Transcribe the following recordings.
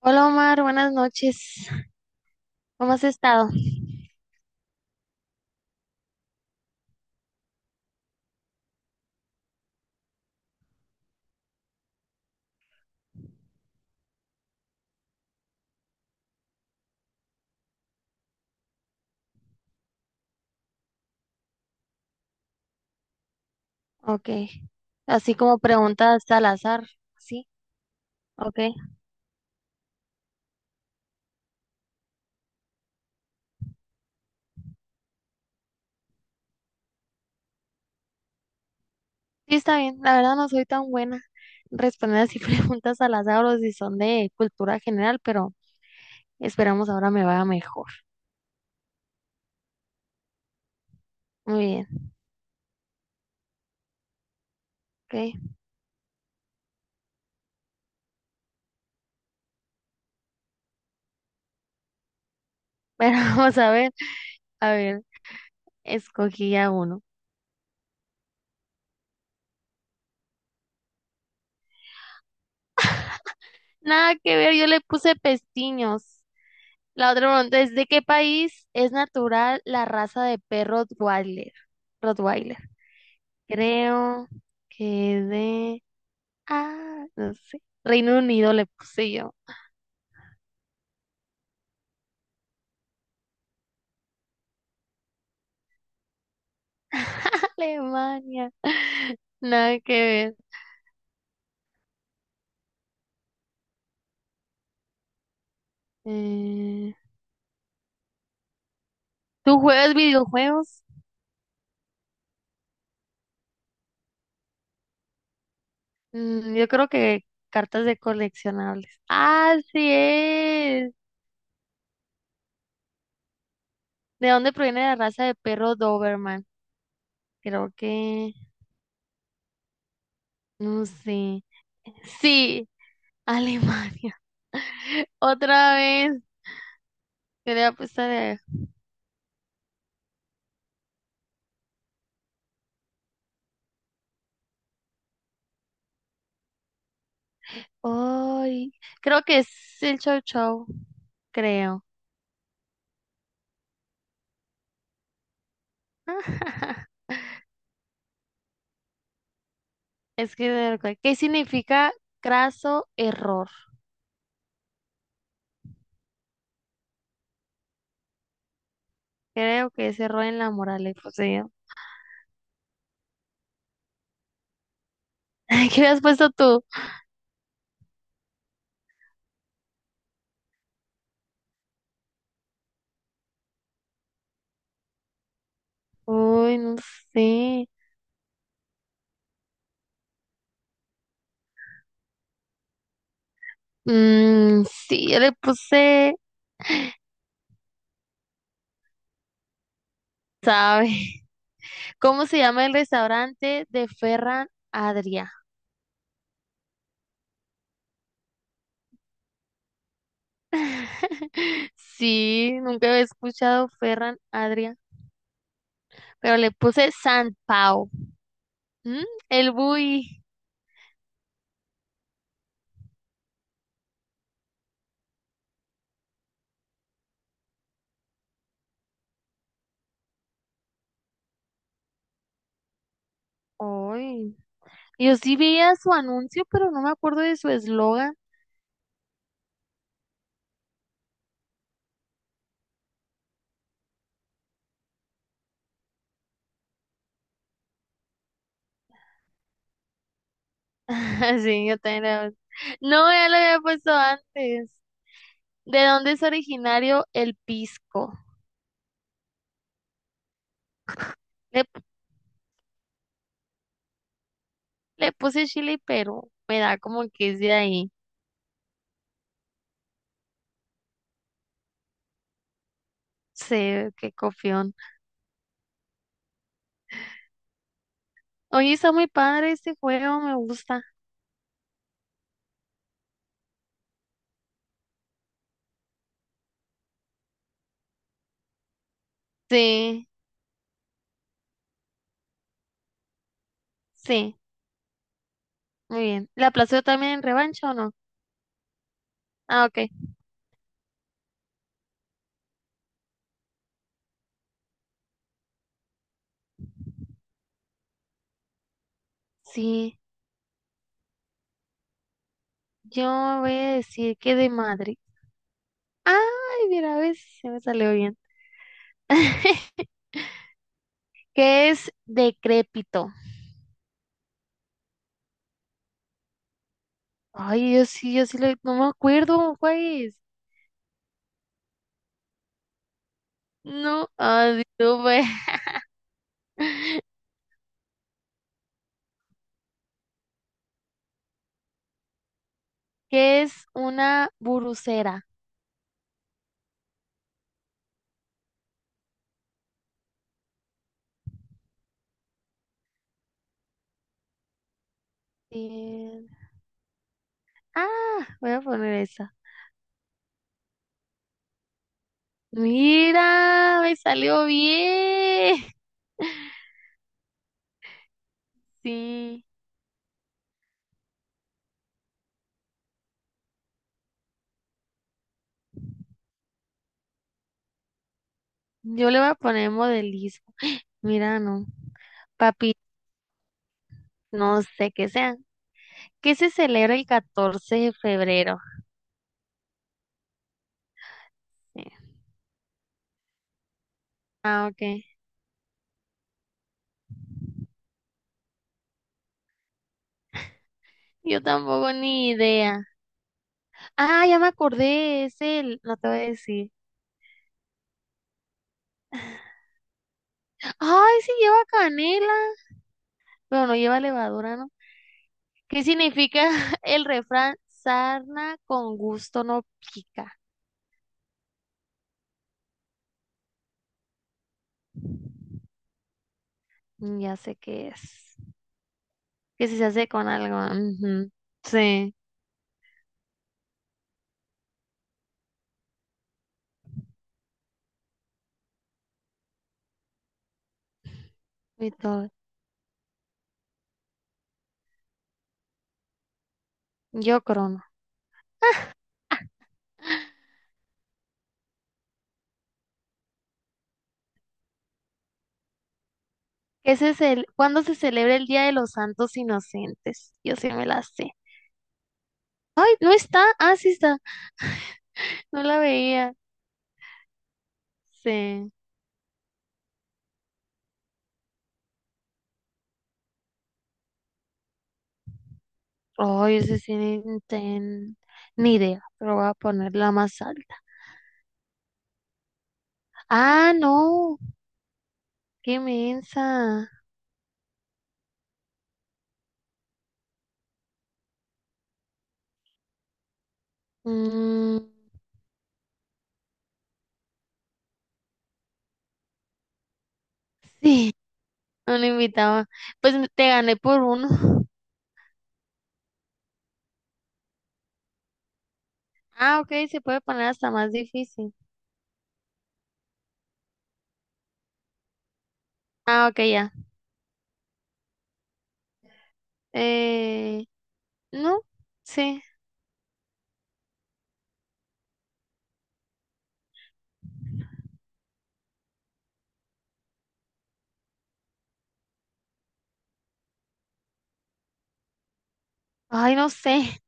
Hola Omar, buenas noches. ¿Cómo has estado? Ok. Así como preguntas al azar, ¿sí? Ok. Sí, está bien. La verdad no soy tan buena respondiendo así preguntas al azar o si son de cultura general, pero esperamos ahora me vaya mejor. Muy bien, ok. Pero vamos a ver. A ver, escogí a uno. Nada que ver, yo le puse pestiños. La otra pregunta es, ¿de qué país es natural la raza de perro Rottweiler? Rottweiler. Creo que de... Ah, no sé. Reino Unido le puse yo. Alemania. Nada que ver. Eh, ¿Tú juegas videojuegos? Mm, yo creo que cartas de coleccionables. Así es. ¿De dónde proviene la raza de perro Doberman? Creo que... No sé. Sí, Alemania. Otra vez. Quería apostar. Ay, creo que es el Chow Chow, creo. Es que de verdad, ¿qué significa craso error? Creo que es error en la moral y posesión. ¿Qué le has puesto tú? Uy, no sé. Mm, sí, yo le puse, ¿sabe? ¿Cómo se llama el restaurante de Ferran Adria? Sí, nunca había escuchado Ferran Adria, pero le puse San Pau. ¿Mm? El Bui. Uy, yo sí veía su anuncio, pero no me acuerdo de su eslogan. Sí, yo también era. No, ya lo había puesto antes. ¿De dónde es originario el pisco? Le, le puse Chile, pero me da como que es de ahí. Sí, qué copión. Oye, está muy padre este juego, me gusta. Sí, sí, muy bien. ¿La aplazó también en revancha o no? Ah, ok. Sí, yo voy a decir que de Madrid. Ay, mira, ves, se me salió bien. ¿Qué es decrépito? Ay, yo sí, lo- no me acuerdo, ¿cuál es? No, ay, no me. ¿Qué es una burucera? Eh, ah, voy a poner esa. Mira, me salió bien. Sí, yo le voy a poner modelismo. Mira, no. Papi, no sé qué sea. ¿Qué se celebra el 14 de febrero? Sí. Ah, ok. Yo tampoco ni idea. Ah, ya me acordé, es el, no te voy a decir. Ay, sí lleva canela, pero no lleva levadura, ¿no? ¿Qué significa el refrán? Sarna con gusto no pica. Mm, ya sé qué es. Que si se hace con algo. Ujú, sí, y todo. Yo crono. Ese es el, ¿cuándo se celebra el Día de los Santos Inocentes? Yo sí me la sé. Ay, no está. Ah, sí está. No la veía. Sí. Oh, ese sí ni, ten- ni idea, pero voy a ponerla más alta. Ah, no, qué mensa. Mm, sí, un invitado. Pues me- te gané por uno. Ah, ok, se puede poner hasta más difícil. Ah, ok, ya. Eh, no, sí. Ay, no sé.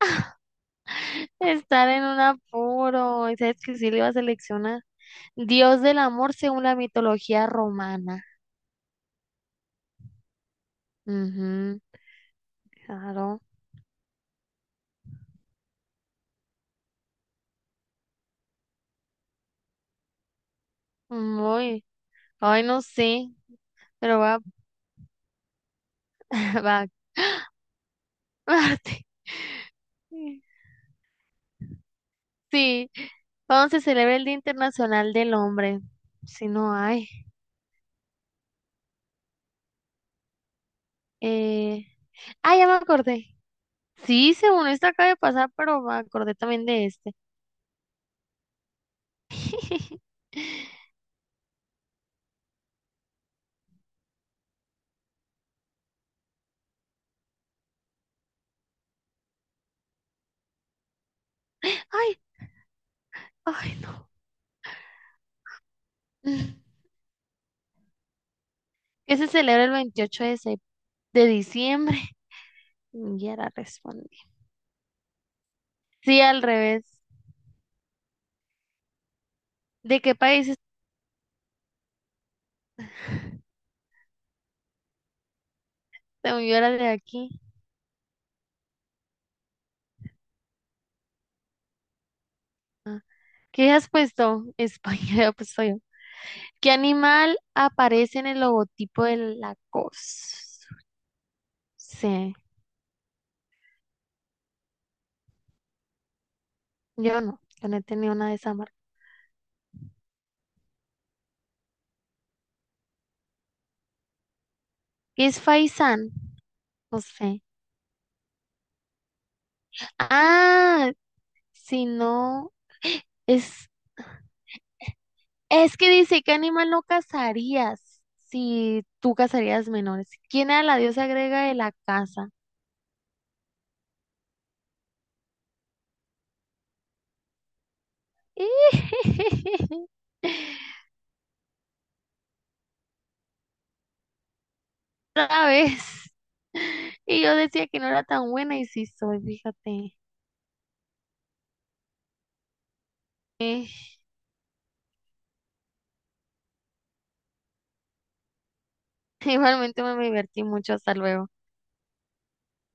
Estar en un apuro. Y sabes que sí le iba a seleccionar. Dios del amor según la mitología romana. Ujú, claro. Muy. Ay, no sé, pero va, va a Marte. Sí, ¿cuándo se celebra el Día Internacional del Hombre? Si no hay. Eh... Ah, ya me acordé. Sí, según esto acaba de pasar, pero me acordé también de este. Ay, ay, no. ¿Qué se celebra el 28 de, de diciembre? Ya la respondí. Sí, al revés. ¿De qué país es? Según yo era de aquí. ¿Qué has puesto? España, pues soy yo. ¿Qué animal aparece en el logotipo de Lacoste? Sí, yo no, yo no he tenido una de esa marca. ¿Qué es Faisán? No sé. Ah, si no, es, es que dice, ¿qué animal no cazarías si tú cazarías menores? ¿Quién a la diosa agrega de la caza? Otra vez. Y yo decía que no era tan buena y sí soy, fíjate. Eh, Igualmente me divertí mucho. Hasta luego.